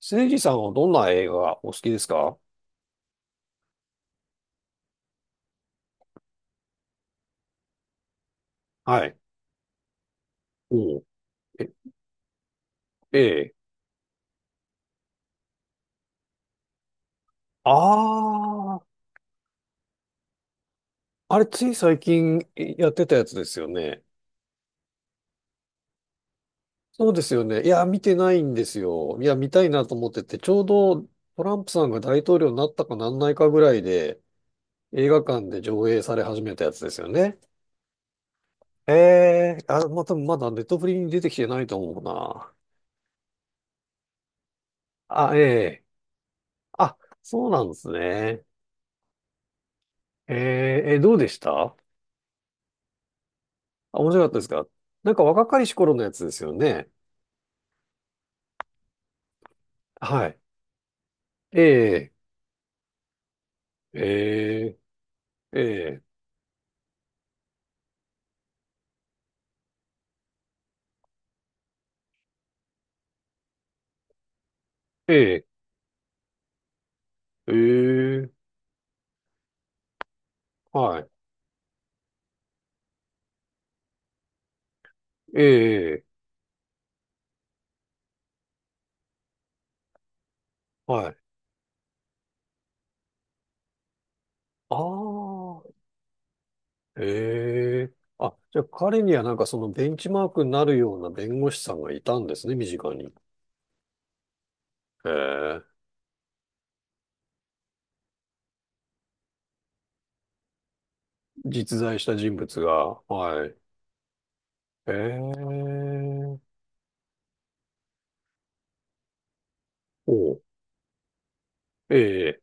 せいじさんはどんな映画がお好きですか？はい。おう。え、ええ。ああ、あれつい最近やってたやつですよね。そうですよね。いや、見てないんですよ。いや、見たいなと思ってて、ちょうどトランプさんが大統領になったかなんないかぐらいで、映画館で上映され始めたやつですよね。ええ、あ、また、多分まだネットフリに出てきてないと思うな。あ、ええ。あ、そうなんですね。ええ、どうでした？あ、面白かったですか？なんか若かりし頃のやつですよね。はい。ええ、ええ、ええ、ええ、ええ。はい。ええ、はい。ああ、ええ。あ、じゃあ彼にはなんかそのベンチマークになるような弁護士さんがいたんですね、身近に。ええ、実在した人物が。はい。ええ、おう、ええ、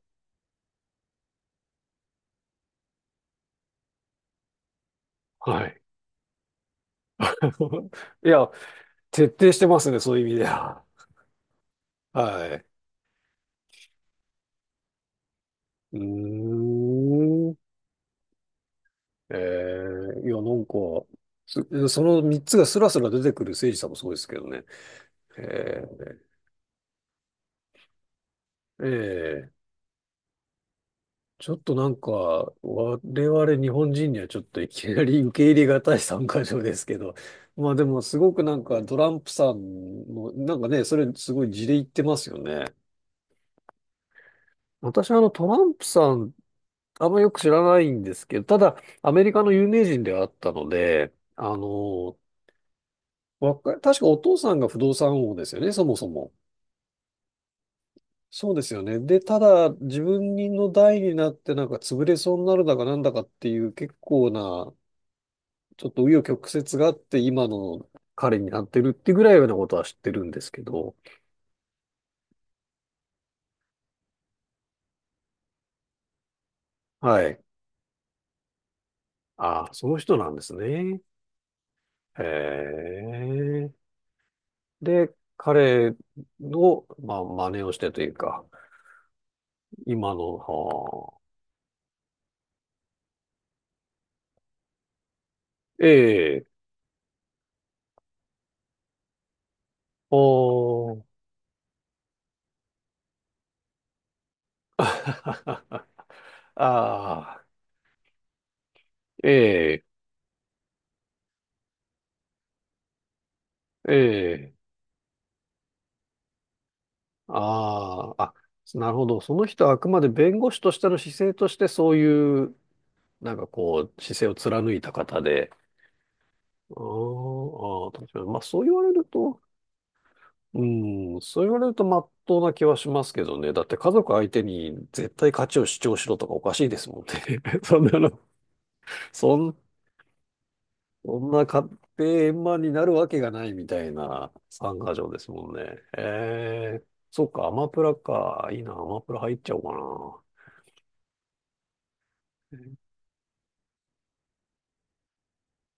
はい。いや、徹底してますね、そういう意味では。はい。うーん。ええ、いや、なんか、その3つがスラスラ出てくる誠司さんもそうですけどね。ええ、ええ。ちょっとなんか、我々日本人にはちょっといきなり受け入れがたい参加条ですけど、まあでもすごくなんかトランプさんのなんかね、それすごい事例言ってますよね。私はあのトランプさん、あんまよく知らないんですけど、ただアメリカの有名人ではあったので、あの、確かお父さんが不動産王ですよね、そもそも。そうですよね。で、ただ、自分の代になって、なんか潰れそうになるだかなんだかっていう結構な、ちょっと紆余曲折があって、今の彼になってるってぐらいのことは知ってるんですけど。はい。ああ、その人なんですね。へえ。で、彼の、まあ、真似をしてというか、今の、はあ、ええ、おー、ああ。ええ、ええ、ああ、あ、なるほど。その人はあくまで弁護士としての姿勢としてそういう、なんかこう、姿勢を貫いた方で。あーあー、確かに。まあそう言われると、うん、そう言われるとまっとうな気はしますけどね。だって家族相手に絶対価値を主張しろとかおかしいですもんね。そんなの、そんそんな買って円満になるわけがないみたいな参加条ですもんね。ええ。そっか、アマプラか。いいな、アマプラ入っちゃおうかな。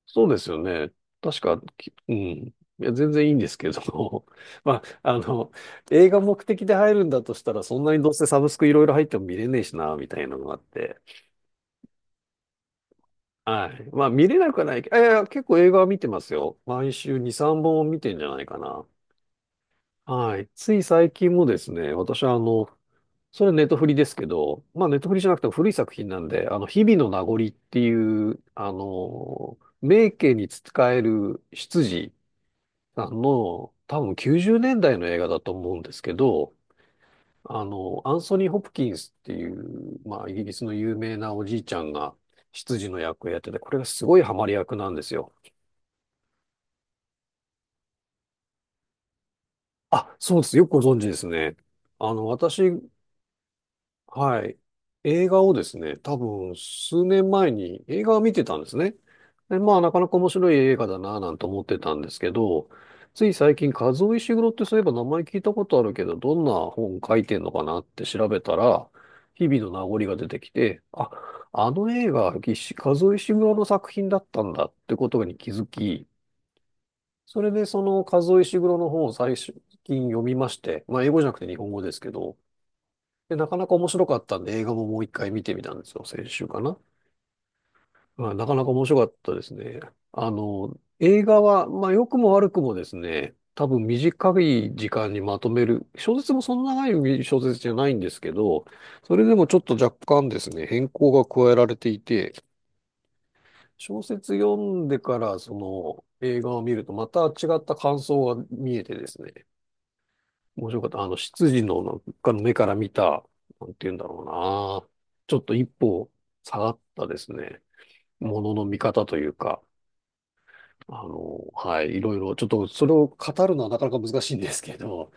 そうですよね。確か、うん。いや、全然いいんですけど。まあ、あの、映画目的で入るんだとしたら、そんなにどうせサブスクいろいろ入っても見れねえしな、みたいなのがあって。はい。まあ、見れなくはないけど、いやいや、結構映画は見てますよ。毎週2、3本見てんじゃないかな。はい。つい最近もですね、私はあの、それはネットフリですけど、まあネットフリじゃなくても古い作品なんで、あの、日々の名残っていう、あの、名家に仕える執事さんの多分90年代の映画だと思うんですけど、あの、アンソニー・ホプキンスっていう、まあイギリスの有名なおじいちゃんが執事の役をやってて、これがすごいハマり役なんですよ。あ、そうです。よくご存知ですね。あの、私。はい。映画をですね、多分数年前に映画を見てたんですね。で、まあなかなか面白い映画だなぁなんて思ってたんですけど、つい最近、和尾石黒ってそういえば名前聞いたことあるけど、どんな本書いてんのかなって調べたら、日々の名残が出てきて、あ、あの映画、石カズオ・黒の作品だったんだってことに気づき、それでその和尾石黒の本を最近読みまして、まあ英語じゃなくて日本語ですけど、で、なかなか面白かったんで、映画ももう一回見てみたんですよ、先週かな。まあ、なかなか面白かったですね。あの、映画は、まあ、良くも悪くもですね、多分短い時間にまとめる、小説もそんな長い小説じゃないんですけど、それでもちょっと若干ですね、変更が加えられていて、小説読んでから、その、映画を見ると、また違った感想が見えてですね、面白かった。あの、執事のなんかの目から見た、なんて言うんだろうな。ちょっと一歩下がったですね。ものの見方というか、あの、はい、いろいろ、ちょっとそれを語るのはなかなか難しいんですけど、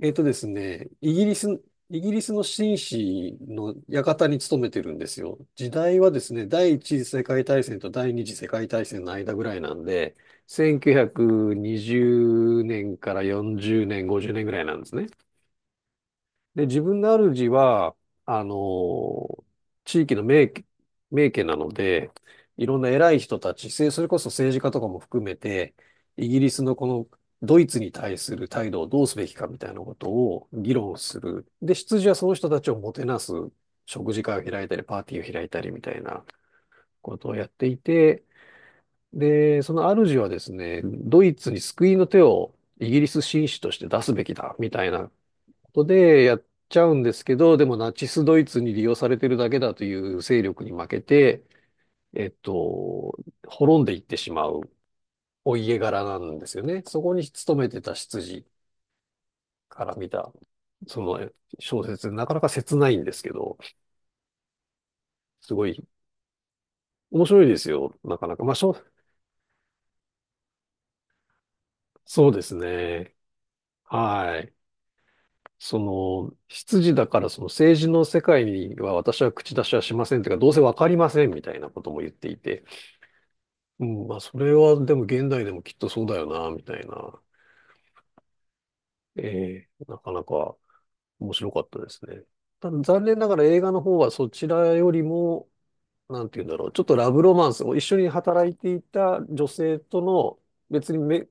えっとですね、イギリスの紳士の館に勤めてるんですよ。時代はですね、第一次世界大戦と第二次世界大戦の間ぐらいなんで、1920年から40年、50年ぐらいなんですね。で、自分の主は、あのー地域の名家なので、いろんな偉い人たち、それこそ政治家とかも含めて、イギリスのこのドイツに対する態度をどうすべきかみたいなことを議論する。で、執事はその人たちをもてなす食事会を開いたり、パーティーを開いたりみたいなことをやっていて、で、その主はですね、ドイツに救いの手をイギリス紳士として出すべきだみたいなことでやっちゃうんですけど、でもナチスドイツに利用されてるだけだという勢力に負けて、えっと、滅んでいってしまうお家柄なんですよね。そこに勤めてた執事から見た、その小説、なかなか切ないんですけど、すごい面白いですよ。なかなか。まあ、そうですね。はい。その、執事だからその政治の世界には私は口出しはしませんというか、どうせわかりませんみたいなことも言っていて、うん、まあ、それはでも現代でもきっとそうだよな、みたいな。ええ、なかなか面白かったですね。ただ残念ながら映画の方はそちらよりも、なんて言うんだろう、ちょっとラブロマンスを一緒に働いていた女性との、別に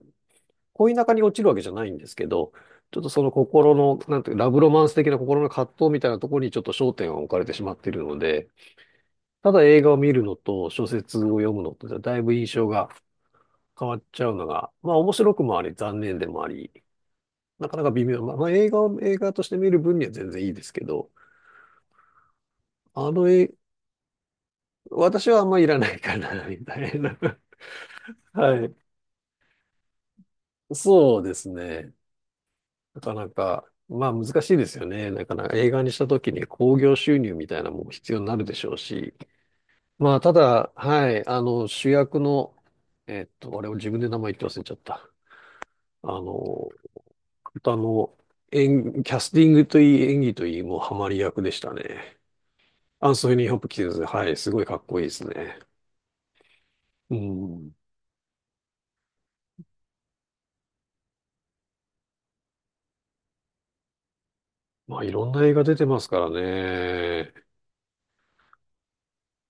恋仲に落ちるわけじゃないんですけど、ちょっとその心の、なんていうか、ラブロマンス的な心の葛藤みたいなところにちょっと焦点を置かれてしまっているので、ただ映画を見るのと小説を読むのとではだいぶ印象が変わっちゃうのが、まあ面白くもあり、残念でもあり、なかなか微妙。まあ、まあ映画を映画として見る分には全然いいですけど、あのえ私はあんまいらないかな、みたいな。はい。そうですね。なかなか、まあ難しいですよね。なかなか映画にした時に興行収入みたいなもの必要になるでしょうし、まあただ、はい、あの主役の、あれを自分で名前言って忘れちゃった。あの、あとあの、キャスティングといい、演技といい、もうハマり役でしたね。アンソニー・ホプキンズ、はい、すごいかっこいいですね。うん。まあ、いろんな映画出てますからね。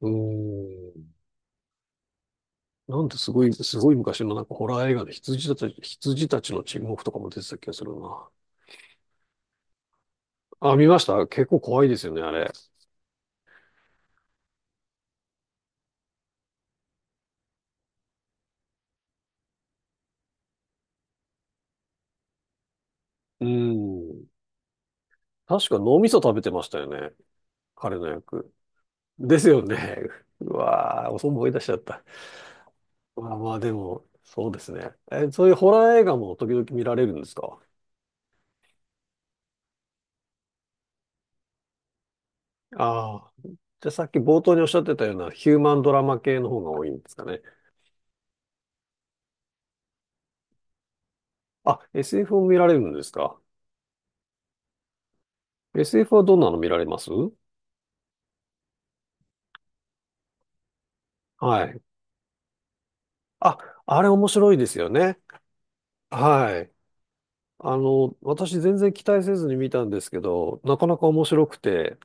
うん。なんてすごい、すごい昔のなんかホラー映画で羊たちの沈黙とかも出てた気がするな。あ、見ました。結構怖いですよね、あれ。うん。確か脳みそ食べてましたよね。彼の役。ですよね。うわー、そう思い出しちゃった。まあまあ、でも、そうですね。え、そういうホラー映画も時々見られるんですか？ああ。じゃあさっき冒頭におっしゃってたようなヒューマンドラマ系の方が多いんですかね。あ、SF も見られるんですか？ SF はどんなの見られます？はい。あ、あれ面白いですよね。はい。あの、私全然期待せずに見たんですけど、なかなか面白くて、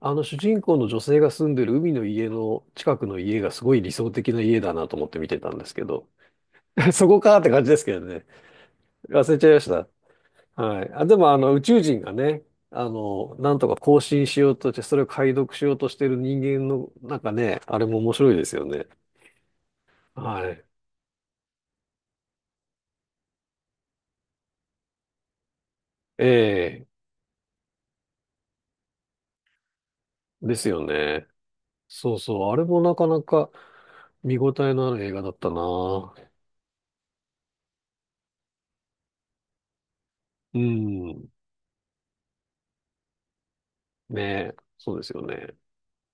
あの主人公の女性が住んでる海の家の近くの家がすごい理想的な家だなと思って見てたんですけど、そこかって感じですけどね。忘れちゃいました。はい。あ、でもあの宇宙人がね、あの、なんとか更新しようとして、それを解読しようとしてる人間の、なんかね、あれも面白いですよね。はい。ええ、ですよね。そうそう。あれもなかなか見応えのある映画だったな。うん。ねえ、そうですよね。